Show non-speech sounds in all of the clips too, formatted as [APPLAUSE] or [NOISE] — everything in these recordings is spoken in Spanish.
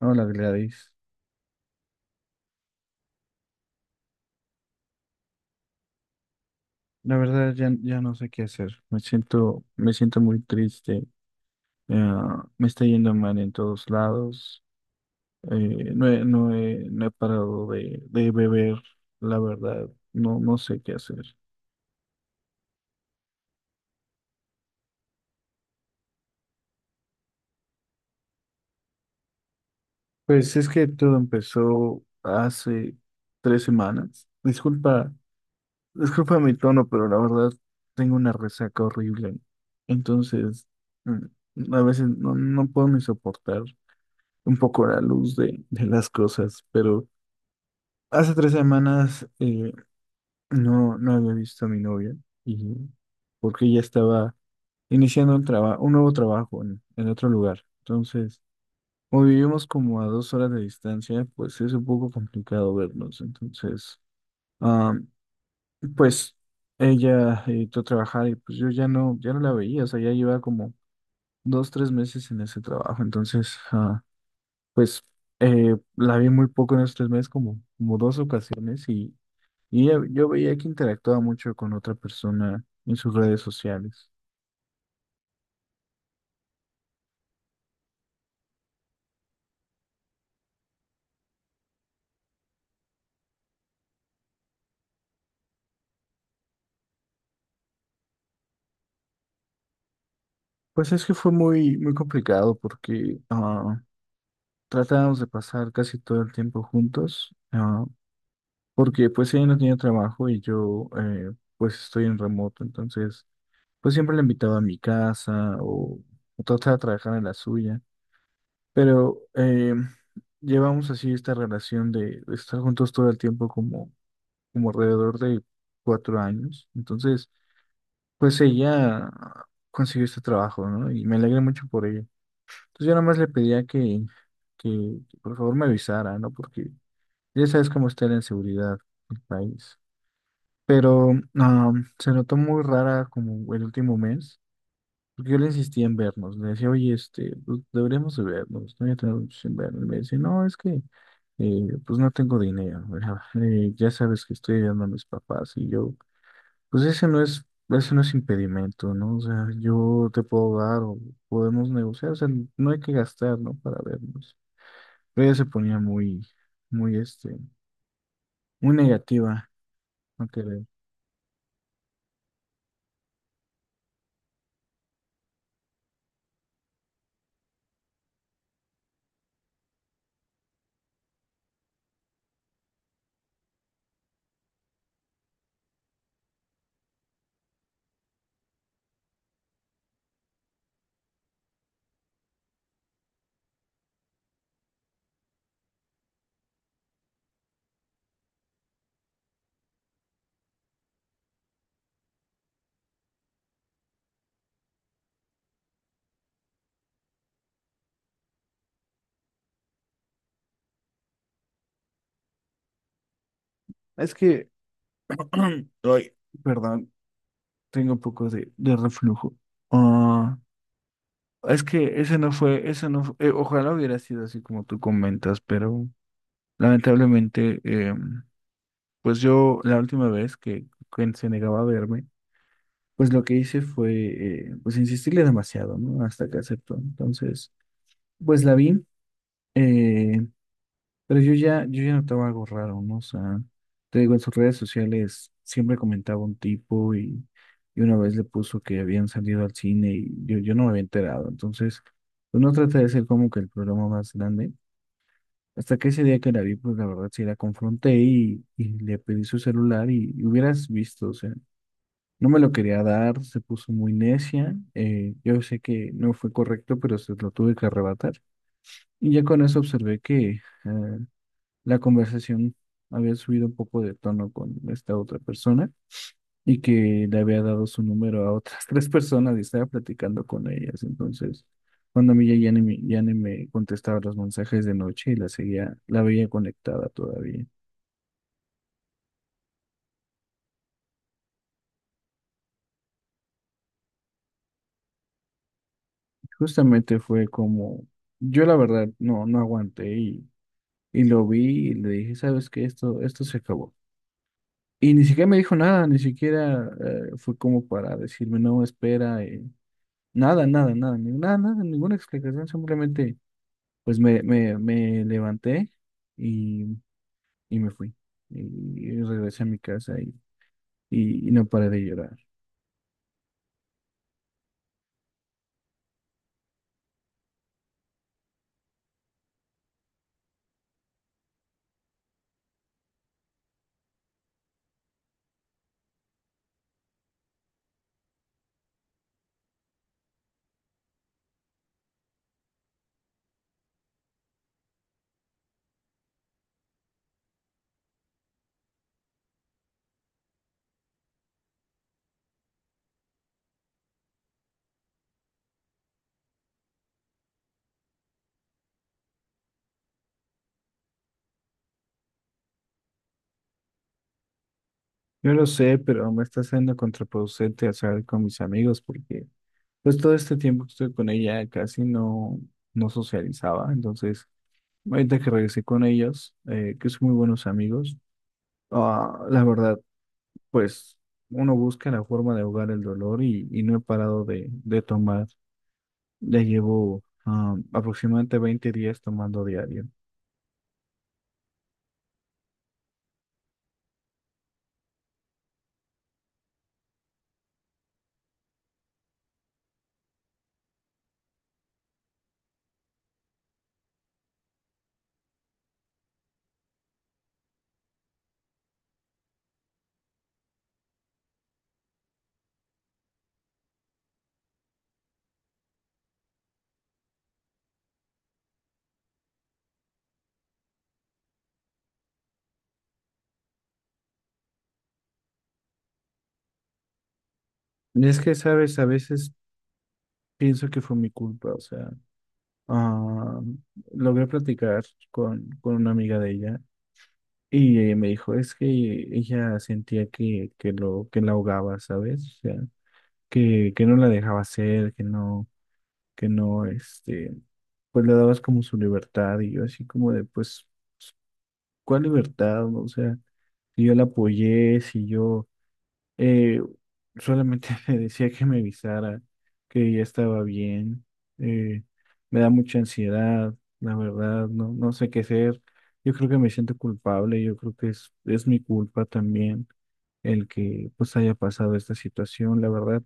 Hola Gladys, la verdad ya no sé qué hacer, me siento muy triste. Me está yendo mal en todos lados. No he parado de beber, la verdad. No sé qué hacer. Pues es que todo empezó hace 3 semanas. Disculpa mi tono, pero la verdad tengo una resaca horrible. Entonces, mm, a veces no puedo ni soportar un poco la luz de las cosas. Pero hace 3 semanas, no había visto a mi novia, y porque ella estaba iniciando un un nuevo trabajo en otro lugar. Entonces, como vivimos como a 2 horas de distancia, pues es un poco complicado vernos. Entonces, ah, pues ella editó trabajar, y pues yo ya no la veía. O sea, ya lleva como dos, tres meses en ese trabajo. Entonces, pues la vi muy poco en estos 3 meses, como dos ocasiones, y yo veía que interactuaba mucho con otra persona en sus redes sociales. Pues es que fue muy, muy complicado porque tratábamos de pasar casi todo el tiempo juntos. Porque pues ella no tenía trabajo, y yo, pues estoy en remoto. Entonces, pues siempre la invitaba a mi casa, o trataba de trabajar en la suya. Pero, llevamos así esta relación de estar juntos todo el tiempo, como alrededor de 4 años. Entonces, pues ella consiguió este trabajo, ¿no? Y me alegré mucho por ella. Entonces, yo nada más le pedía que por favor me avisara, ¿no? Porque ya sabes cómo está la inseguridad del país. Pero, ah, se notó muy rara como el último mes. Porque yo le insistía en vernos, le decía, oye, este, pues deberíamos de vernos, no voy a tener mucho sin vernos. Y me decía, no, es que, pues no tengo dinero, [LAUGHS] ¿verdad? Ya sabes que estoy ayudando a mis papás, y yo, pues ese no es impedimento, ¿no? O sea, yo te puedo dar, o podemos negociar. O sea, no hay que gastar, ¿no? Para vernos. Pero ella se ponía muy, muy, este, muy negativa a querer. Es que, [CLEARS THROAT] ay, perdón, tengo un poco de reflujo. Es que ese no fue, ese no fu- ojalá hubiera sido así como tú comentas, pero lamentablemente, pues yo la última vez que se negaba a verme, pues lo que hice fue, pues insistirle demasiado, ¿no? Hasta que aceptó. Entonces, pues la vi. eh, Pero yo ya notaba algo raro, ¿no? O sea, te digo, en sus redes sociales siempre comentaba un tipo, y una vez le puso que habían salido al cine, y yo no me había enterado. Entonces, pues no trata de ser como que el problema más grande. Hasta que ese día que la vi, pues la verdad sí la confronté, y le pedí su celular, y hubieras visto. O sea, no me lo quería dar, se puso muy necia. Yo sé que no fue correcto, pero se lo tuve que arrebatar. Y ya con eso observé que eh, la conversación había subido un poco de tono con esta otra persona, y que le había dado su número a otras [LAUGHS] tres personas y estaba platicando con ellas. Entonces, cuando a mí ya ni me contestaba los mensajes de noche, y la seguía, la veía conectada todavía. Justamente fue como, yo la verdad, no aguanté, y lo vi y le dije, ¿sabes qué? Esto se acabó. Y ni siquiera me dijo nada, ni siquiera fue como para decirme, no, espera. Nada, nada, nada, nada, nada, ninguna explicación. Simplemente pues me levanté, y, y me fui. Y, y regresé a mi casa, y no paré de llorar. Yo lo sé, pero me está siendo contraproducente hacer con mis amigos porque pues todo este tiempo que estoy con ella casi no socializaba. Entonces, ahorita que regresé con ellos, que son muy buenos amigos, la verdad, pues uno busca la forma de ahogar el dolor, y no he parado de tomar. Ya llevo, aproximadamente 20 días tomando diario. Y es que, sabes, a veces pienso que fue mi culpa. O sea, ah, logré platicar con una amiga de ella, y ella me dijo, es que ella sentía que la ahogaba, ¿sabes? O sea, que no la dejaba hacer, que no, este, pues le dabas como su libertad. Y yo así como de, pues, ¿cuál libertad? O sea, si yo la apoyé, si yo Eh, solamente [LAUGHS] me decía que me avisara, que ya estaba bien. Eh, Me da mucha ansiedad, la verdad. No sé qué hacer. Yo creo que me siento culpable. Yo creo que es mi culpa también, el que pues haya pasado esta situación, la verdad.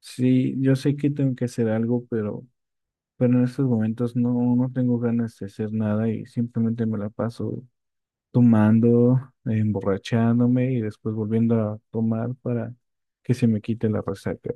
Sí, yo sé que tengo que hacer algo, pero en estos momentos no tengo ganas de hacer nada. Y simplemente me la paso tomando, emborrachándome y después volviendo a tomar para que se me quite la resaca.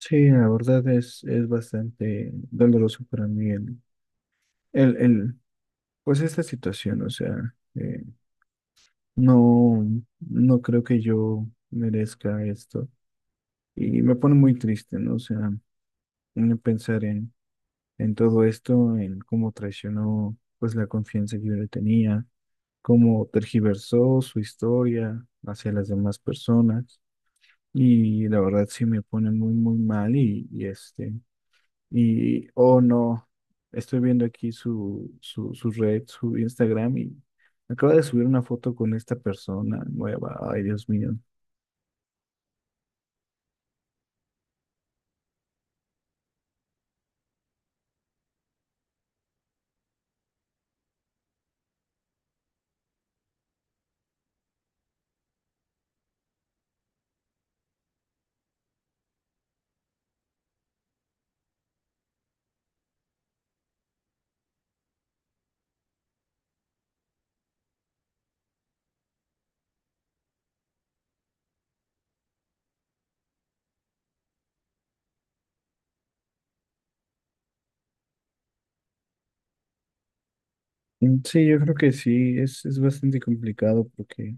Sí, la verdad es bastante doloroso para mí el, el- pues esta situación. O sea, no, no creo que yo merezca esto, y me pone muy triste, ¿no? O sea, en pensar en todo esto, en cómo traicionó pues la confianza que yo le tenía, cómo tergiversó su historia hacia las demás personas. Y la verdad sí me pone muy, muy mal, y, oh no, estoy viendo aquí su red, su Instagram, y acaba de subir una foto con esta persona nueva. Ay Dios mío. Mm, sí, yo creo que sí, es bastante complicado porque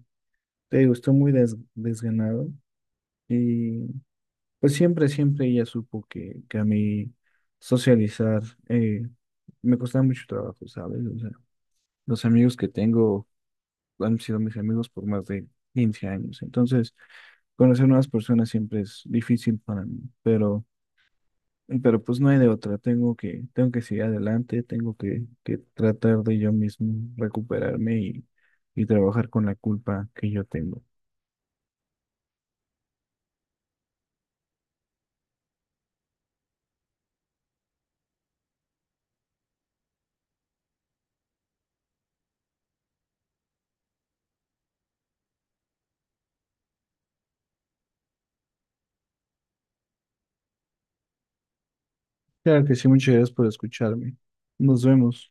te digo, estoy muy desganado. Y pues siempre, siempre ella supo que a mí socializar, eh, me costaba mucho trabajo, ¿sabes? O sea, los amigos que tengo han sido mis amigos por más de 15 años. Entonces, conocer nuevas personas siempre es difícil para mí, pero pues no hay de otra. Tengo que seguir adelante, tengo que tratar de yo mismo recuperarme, y trabajar con la culpa que yo tengo. Claro que sí, muchas gracias por escucharme. Nos vemos.